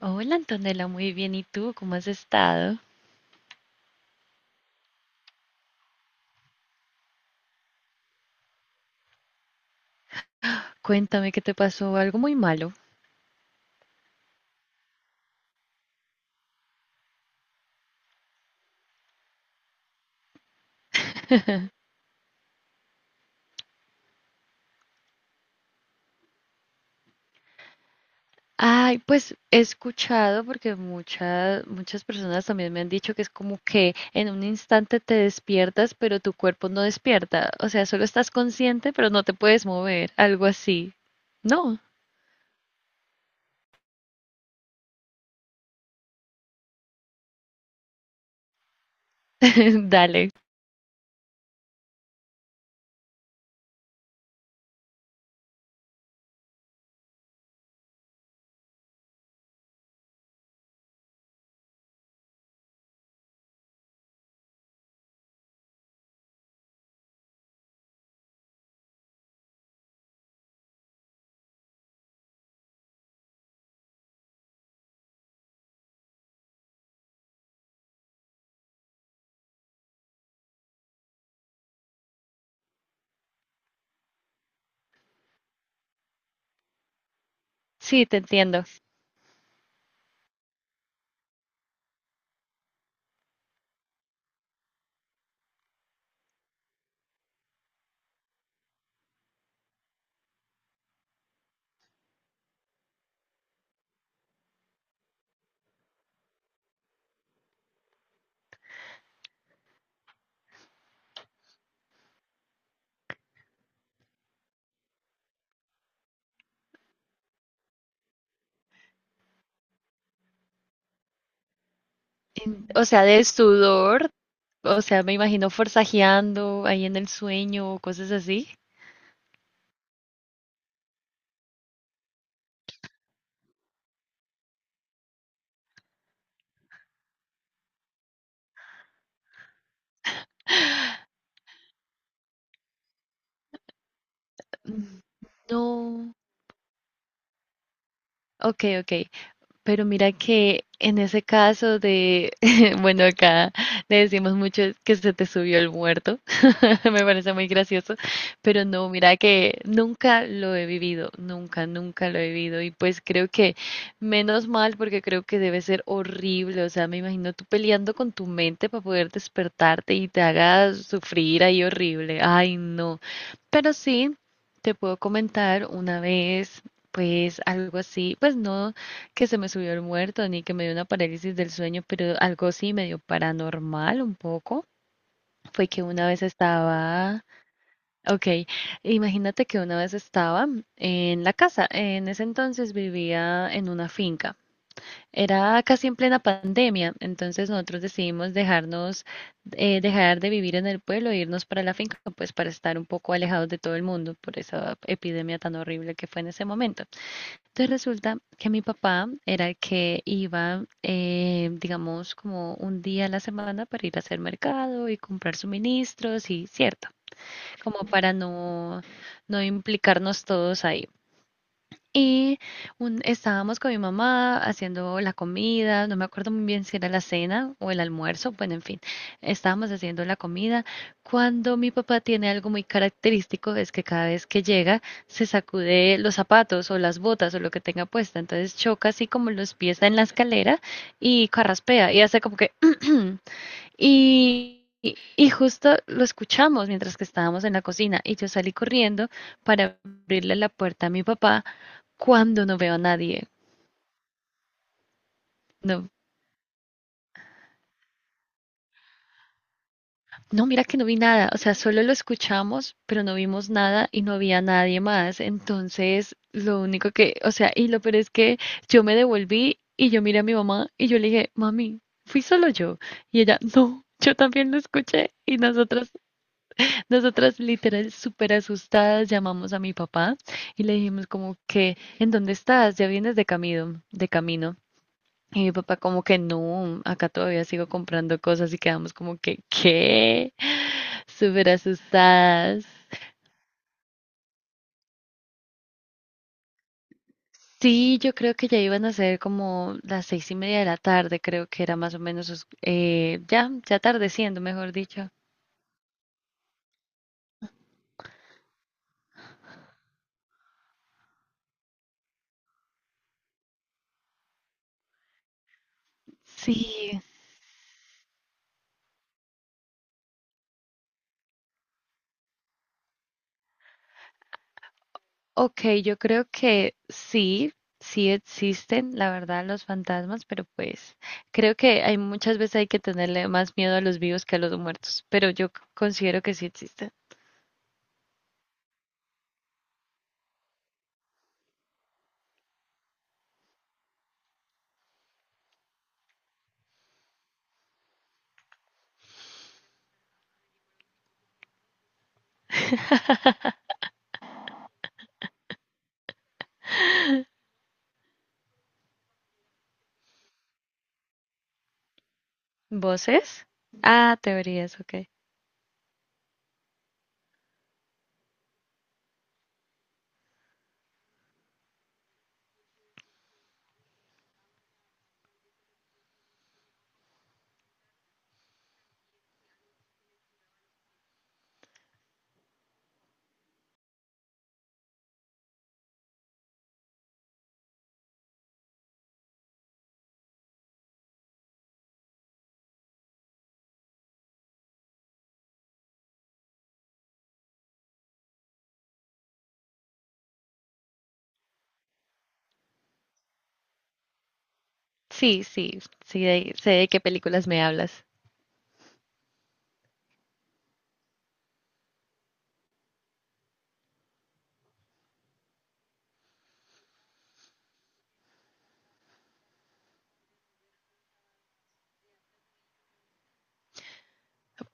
Hola Antonella, muy bien. ¿Y tú cómo has estado? Cuéntame qué te pasó, algo muy malo. Ay, pues he escuchado porque muchas muchas personas también me han dicho que es como que en un instante te despiertas, pero tu cuerpo no despierta. O sea, solo estás consciente, pero no te puedes mover, algo así. No, dale. Sí, te entiendo. O sea, de sudor, o sea, me imagino forzajeando ahí en el sueño o cosas así. Mm. No. Ok, ok. Pero mira que en ese caso de, bueno, acá le decimos mucho que se te subió el muerto. Me parece muy gracioso, pero no, mira que nunca lo he vivido, nunca, nunca lo he vivido, y pues creo que menos mal, porque creo que debe ser horrible. O sea, me imagino tú peleando con tu mente para poder despertarte y te haga sufrir ahí horrible. Ay, no, pero sí, te puedo comentar una vez, pues algo así, pues no que se me subió el muerto ni que me dio una parálisis del sueño, pero algo sí medio paranormal, un poco. Fue que una vez estaba, ok, imagínate que una vez estaba en la casa. En ese entonces vivía en una finca. Era casi en plena pandemia, entonces nosotros decidimos dejar de vivir en el pueblo e irnos para la finca, pues para estar un poco alejados de todo el mundo por esa epidemia tan horrible que fue en ese momento. Entonces resulta que mi papá era el que iba, digamos, como un día a la semana para ir a hacer mercado y comprar suministros y cierto, como para no implicarnos todos ahí. Y estábamos con mi mamá haciendo la comida, no me acuerdo muy bien si era la cena o el almuerzo, bueno, en fin, estábamos haciendo la comida cuando mi papá tiene algo muy característico, es que cada vez que llega se sacude los zapatos o las botas o lo que tenga puesta, entonces choca así como los pies en la escalera y carraspea y hace como que... y justo lo escuchamos mientras que estábamos en la cocina y yo salí corriendo para abrirle la puerta a mi papá cuando no veo a nadie. No, no, mira que no vi nada. O sea, solo lo escuchamos, pero no vimos nada y no había nadie más. Entonces, lo único que, o sea, y lo peor es que yo me devolví y yo miré a mi mamá y yo le dije, mami, fui solo yo. Y ella, no, yo también lo escuché. Y nosotras literal súper asustadas llamamos a mi papá y le dijimos como que, ¿en dónde estás? Ya vienes de camino, de camino. Y mi papá como que no, acá todavía sigo comprando cosas, y quedamos como que, ¿qué? Súper asustadas. Sí, yo creo que ya iban a ser como las seis y media de la tarde, creo que era más o menos, ya, ya atardeciendo, mejor dicho. Sí, ok, yo creo que sí, sí existen, la verdad, los fantasmas, pero pues creo que hay muchas veces hay que tenerle más miedo a los vivos que a los muertos, pero yo considero que sí existen. ¿Voces? Ah, teorías, ok. Sí, sí, sí, sé de qué películas me hablas.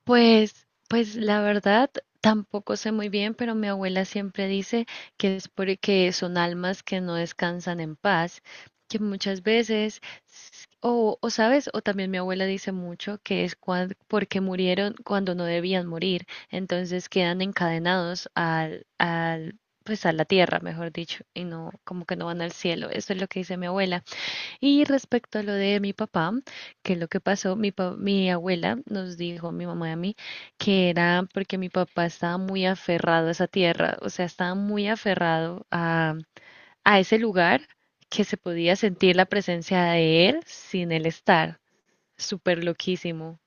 Pues la verdad, tampoco sé muy bien, pero mi abuela siempre dice que es porque son almas que no descansan en paz, que muchas veces, o sabes, o también mi abuela dice mucho que es porque murieron cuando no debían morir, entonces quedan encadenados pues a la tierra, mejor dicho, y no, como que no van al cielo. Eso es lo que dice mi abuela. Y respecto a lo de mi papá, que lo que pasó, mi abuela nos dijo, mi mamá y a mí, que era porque mi papá estaba muy aferrado a esa tierra. O sea, estaba muy aferrado a ese lugar, que se podía sentir la presencia de él sin él estar. Súper loquísimo.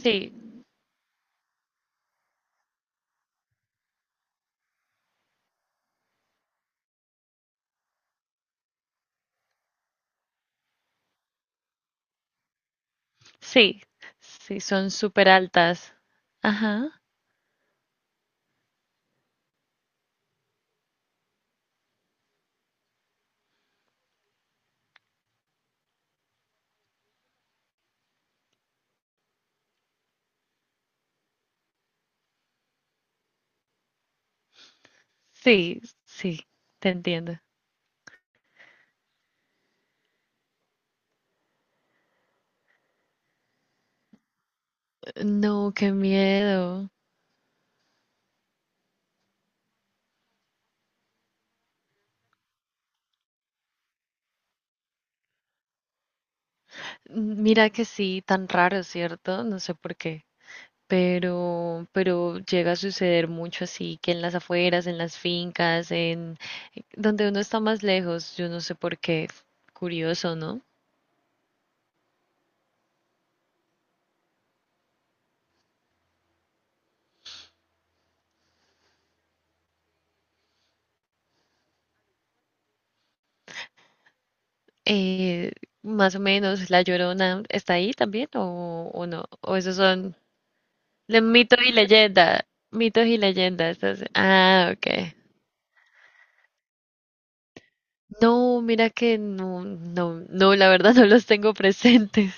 Sí, sí, sí, son súper altas. Ajá, sí, sí, te entiendo. No, qué miedo. Mira que sí, tan raro, ¿cierto? No sé por qué, pero, llega a suceder mucho así, que en las afueras, en las fincas, en donde uno está más lejos, yo no sé por qué, curioso, ¿no? Eh, más o menos, ¿La Llorona está ahí también o no? ¿O esos son mitos y leyenda? Mitos y leyendas. Ah, ok. No, mira que no, no, no, la verdad no los tengo presentes.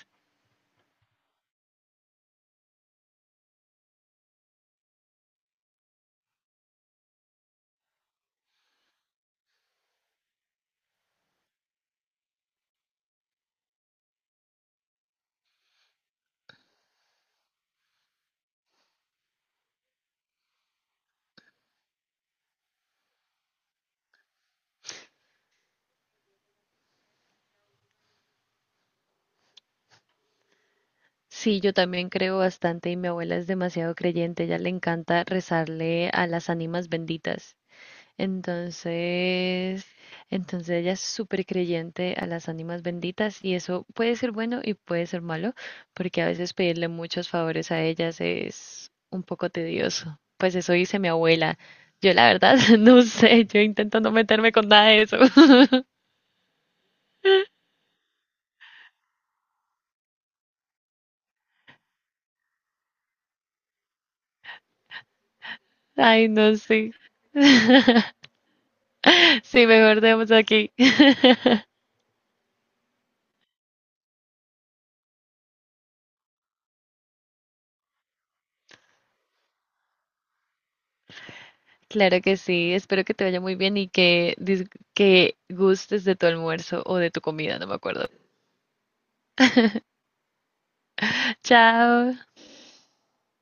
Sí, yo también creo bastante y mi abuela es demasiado creyente, ella le encanta rezarle a las ánimas benditas. Entonces, ella es súper creyente a las ánimas benditas y eso puede ser bueno y puede ser malo, porque a veces pedirle muchos favores a ellas es un poco tedioso. Pues eso dice mi abuela. Yo la verdad no sé, yo intento no meterme con nada de eso. Ay, no sé. Sí, mejor dejemos aquí. Claro que sí, espero que te vaya muy bien y que, que gustes de tu almuerzo o de tu comida, no me acuerdo. Chao.